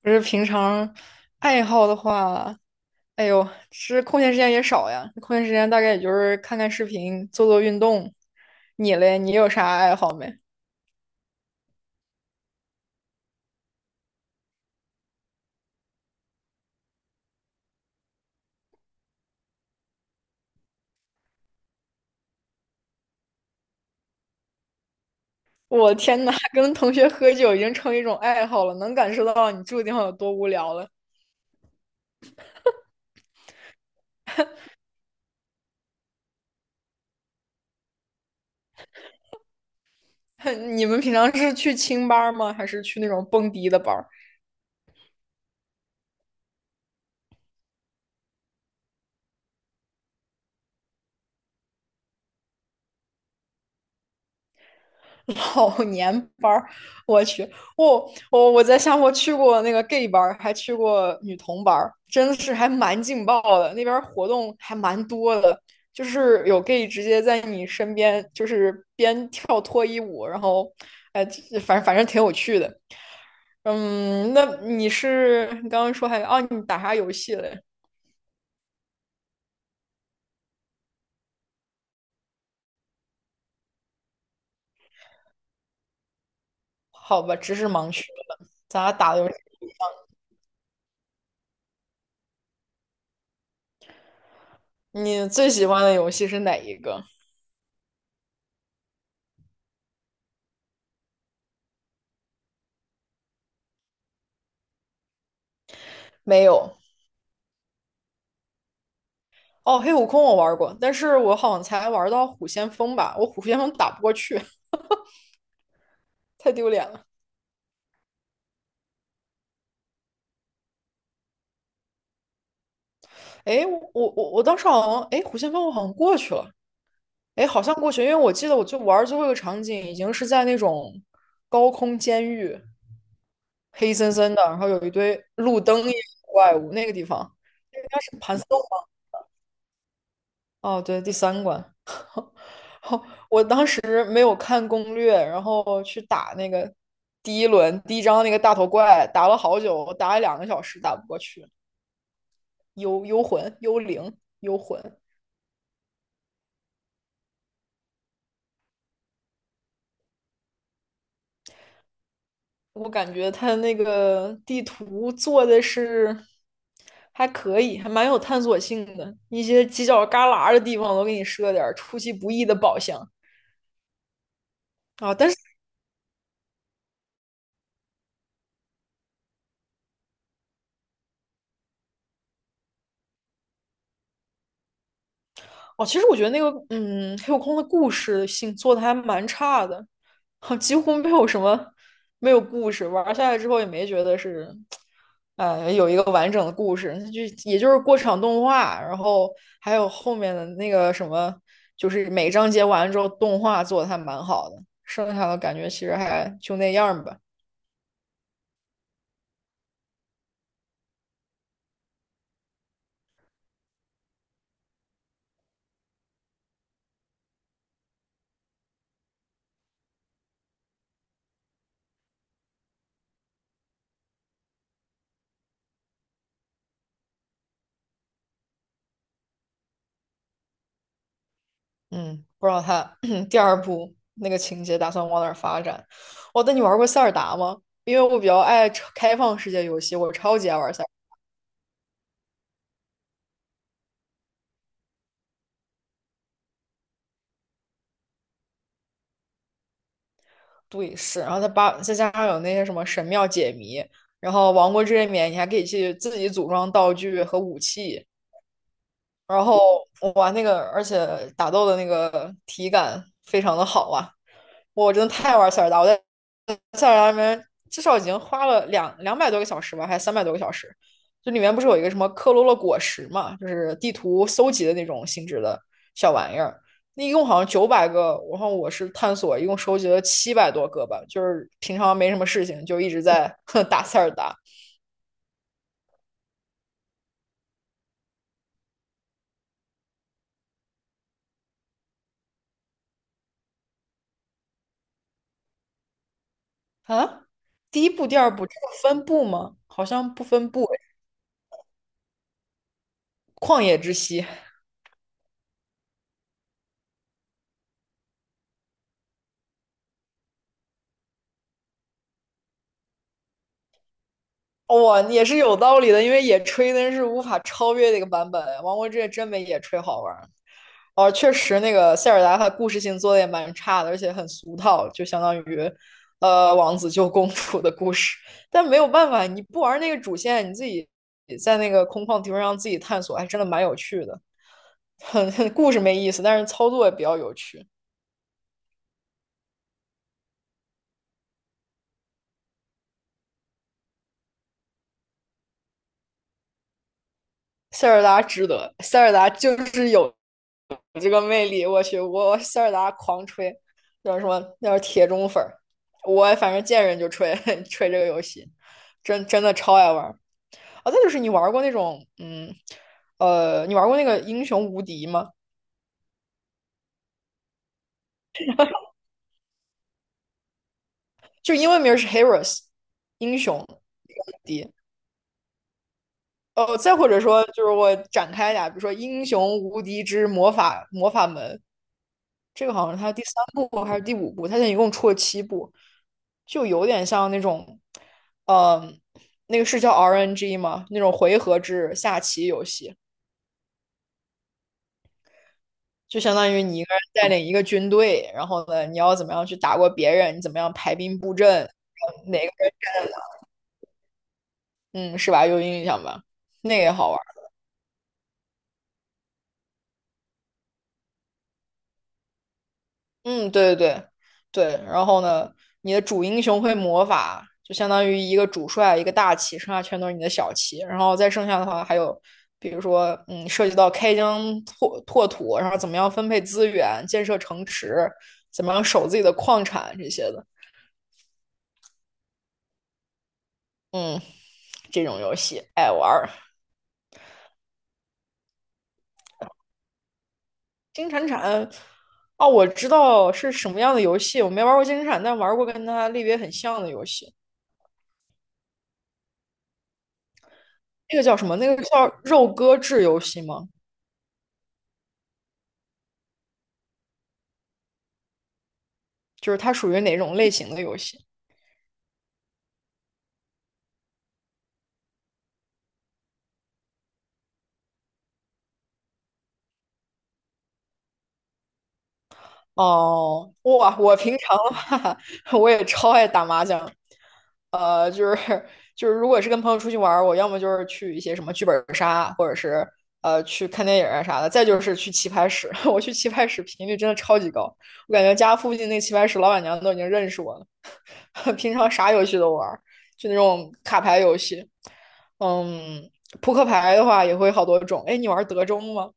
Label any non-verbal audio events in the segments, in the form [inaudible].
不是平常爱好的话，哎呦，是空闲时间也少呀。空闲时间大概也就是看看视频、做做运动。你嘞，你有啥爱好没？我天呐，[laughs] 跟同学喝酒已经成一种爱好了，能感受到你住的地方有多无聊了。[laughs] 你们平常是去清吧儿吗？还是去那种蹦迪的班儿？[laughs] 老年班儿，我去，我在夏坡去过那个 gay 班儿，还去过女同班儿，真的是还蛮劲爆的。那边儿活动还蛮多的，就是有 gay 直接在你身边，就是边跳脱衣舞，然后，哎，反正挺有趣的。嗯，那你是你刚刚说还哦，你打啥游戏嘞？好吧，知识盲区了，咱俩打的游戏，你最喜欢的游戏是哪一个？没有。哦，黑悟空我玩过，但是我好像才玩到虎先锋吧，我虎先锋打不过去，[laughs] 太丢脸了。哎，我当时好像，哎，虎先锋我好像过去了，哎，好像过去，因为我记得我就玩最后一个场景已经是在那种高空监狱，黑森森的，然后有一堆路灯一样的怪物那个地方，应该是盘丝。哦，对，第3关没有看攻略，然后去打那个第一轮第1张那个大头怪，打了好久，打了2个小时打不过去。幽幽魂、幽灵、幽魂。我感觉它那个地图做的是还可以，还蛮有探索性的。一些犄角旮旯的地方都给你设点儿出其不意的宝箱啊，但是哦，其实我觉得那个，嗯，黑悟空的故事性做的还蛮差的，[laughs] 几乎没有什么，没有故事。玩下来之后也没觉得是，有一个完整的故事，就也就是过场动画，然后还有后面的那个什么，就是每章节完了之后动画做的还蛮好的，剩下的感觉其实还就那样儿吧。嗯，不知道他 [clears throat] 第2部那个情节打算往哪儿发展。哦，那你玩过塞尔达吗？因为我比较爱超开放世界游戏，我超级爱玩塞尔达。对，是，然后它把再加上有那些什么神庙解谜，然后王国之泪冕，你还可以去自己组装道具和武器。然后我玩那个，而且打斗的那个体感非常的好啊！我真的太爱玩塞尔达，我在塞尔达里面至少已经花了两百多个小时吧，还是300多个小时。就里面不是有一个什么克罗洛果实嘛，就是地图搜集的那种性质的小玩意儿。那一共好像900个，然后我是探索，一共收集了700多个吧。就是平常没什么事情，就一直在 [laughs] 打塞尔达啊。第1部、第二部这个分部吗？好像不分部旷野之息，哇、哦也是有道理的，因为野炊那是无法超越的一个版本啊。王国之夜真没野炊好玩哦，确实，那个塞尔达它故事性做的也蛮差的，而且很俗套，就相当于，王子救公主的故事。但没有办法，你不玩那个主线，你自己在那个空旷地方让自己探索，还真的蛮有趣的。很故事没意思，但是操作也比较有趣。塞尔达值得，塞尔达就是有这个魅力。我去，我塞尔达狂吹，叫什么？叫铁中粉儿。我反正见人就吹 [laughs] 吹这个游戏，真的超爱玩。啊，再就是你玩过那种，嗯，你玩过那个英雄无敌吗？就英文名是 Heroes，英雄无敌。哦，再或者说，就是我展开一下，比如说《英雄无敌之魔法门》，这个好像是它第3部还是第5部，它现在一共出了7部，就有点像那种，嗯、那个是叫 RNG 吗？那种回合制下棋游戏。就相当于你一个人带领一个军队，然后呢，你要怎么样去打过别人，你怎么样排兵布阵，哪个人，嗯，是吧？有印象吧？那个也好玩儿。嗯，对对对对。然后呢，你的主英雄会魔法，就相当于一个主帅，一个大旗，剩下全都是你的小旗。然后再剩下的话，还有比如说，嗯，涉及到开疆拓土，然后怎么样分配资源，建设城池，怎么样守自己的矿产这些的。嗯，这种游戏爱玩儿。金铲铲，哦，我知道是什么样的游戏，我没玩过金铲铲，但玩过跟它类别很像的游戏。那个叫什么？那个叫肉鸽制游戏吗？就是它属于哪种类型的游戏？哦，哇，我平常的话，[laughs] 我也超爱打麻将。呃，就是就是，如果是跟朋友出去玩儿我要么就是去一些什么剧本杀，或者是去看电影啊啥的，再就是去棋牌室。[laughs] 我去棋牌室频率真的超级高，我感觉家附近那棋牌室老板娘都已经认识我了。[laughs] 平常啥游戏都玩就那种卡牌游戏。嗯，扑克牌的话也会好多种。哎，你玩德州吗？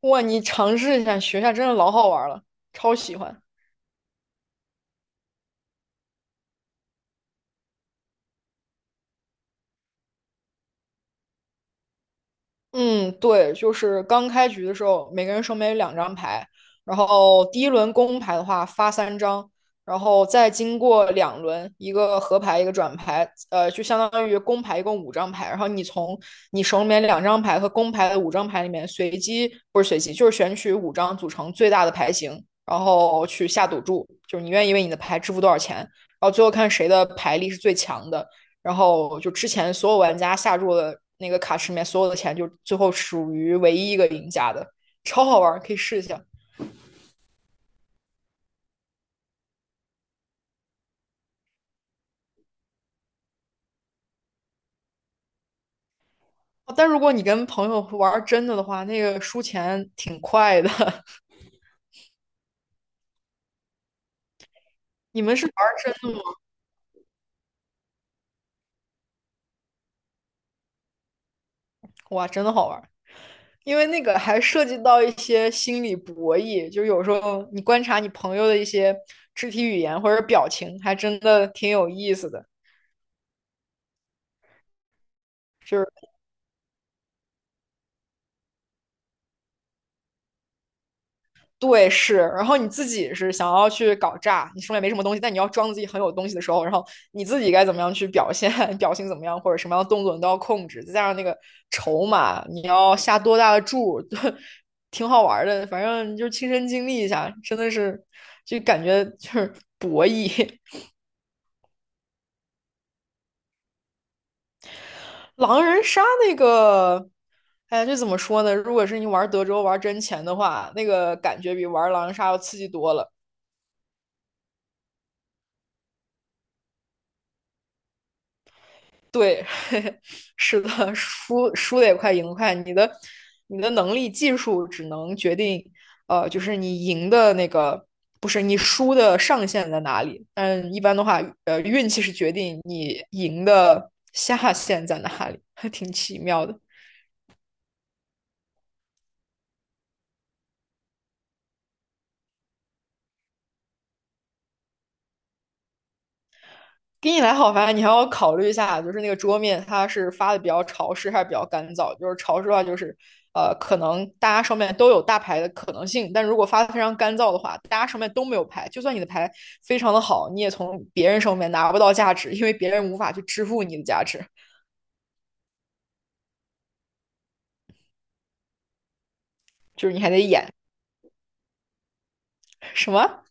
哇，你尝试一下学一下，真的老好玩了，超喜欢。嗯，对，就是刚开局的时候，每个人手里面有两张牌，然后第一轮公牌的话发3张，然后再经过2轮，一个合牌，一个转牌，就相当于公牌一共五张牌，然后你从你手里面两张牌和公牌的五张牌里面随机，不是随机，就是选取五张组成最大的牌型，然后去下赌注，就是你愿意为你的牌支付多少钱，然后最后看谁的牌力是最强的。然后就之前所有玩家下注的那个卡池里面所有的钱，就最后属于唯一一个赢家的，超好玩，可以试一下。但如果你跟朋友玩真的的话，那个输钱挺快的。[laughs] 你们是玩真，哇，真的好玩，因为那个还涉及到一些心理博弈，就有时候你观察你朋友的一些肢体语言或者表情，还真的挺有意思的。就是对，是，然后你自己是想要去搞炸，你手里没什么东西，但你要装自己很有东西的时候，然后你自己该怎么样去表现，[laughs] 表情怎么样，或者什么样的动作你都要控制，再加上那个筹码，你要下多大的注，[laughs] 挺好玩的，反正就亲身经历一下，真的是就感觉就是博弈，狼人杀那个，哎呀，这怎么说呢？如果是你玩德州玩真钱的话，那个感觉比玩狼人杀要刺激多了。对，[laughs] 是的，输的也快，赢得快。你的能力、技术只能决定，就是你赢的那个，不是你输的上限在哪里。但一般的话，运气是决定你赢的下限在哪里，还挺奇妙的。给你来好牌，你还要考虑一下，就是那个桌面它是发的比较潮湿还是比较干燥。就是潮湿的话，就是可能大家上面都有大牌的可能性，但如果发的非常干燥的话，大家上面都没有牌，就算你的牌非常的好，你也从别人手里面拿不到价值，因为别人无法去支付你的价值，[laughs] 就是你还得演什么？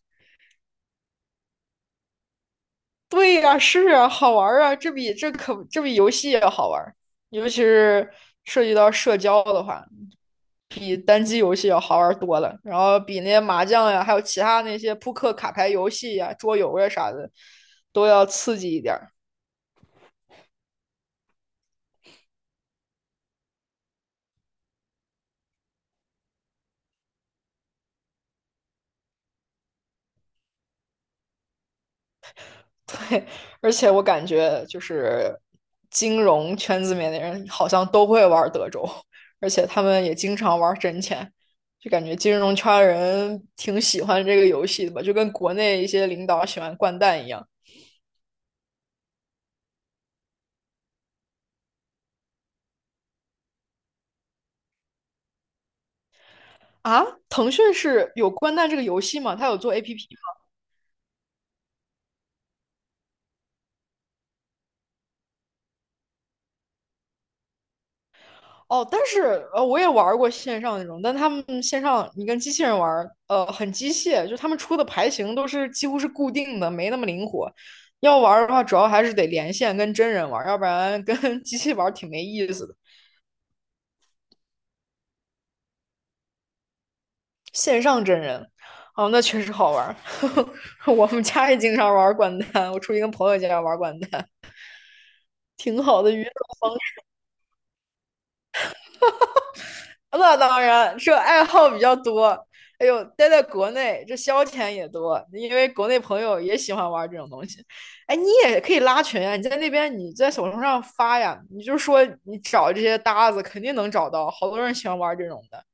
对呀、是啊，好玩啊，这比游戏要好玩尤其是涉及到社交的话。比单机游戏要好玩多了，然后比那些麻将呀，还有其他那些扑克、卡牌游戏呀、桌游呀啥的，都要刺激一点儿。[laughs] 对，而且我感觉就是金融圈子里面的人好像都会玩德州，而且他们也经常玩真钱，就感觉金融圈人挺喜欢这个游戏的吧，就跟国内一些领导喜欢掼蛋一样。啊，腾讯是有掼蛋这个游戏吗？它有做 APP 哦，但是我也玩儿过线上那种，但他们线上你跟机器人玩儿很机械，就他们出的牌型都是几乎是固定的，没那么灵活。要玩儿的话，主要还是得连线跟真人玩儿要不然跟 [laughs] 机器玩儿挺没意思的。线上真人，哦，那确实好玩儿。[laughs] 我们家也经常玩掼蛋，我出去跟朋友家玩掼蛋，挺好的娱乐方。那当然，这爱好比较多。哎呦，待在国内，这消遣也多，因为国内朋友也喜欢玩这种东西。哎，你也可以拉群啊，你在那边你在小红书上发呀，你就说你找这些搭子，肯定能找到，好多人喜欢玩这种的。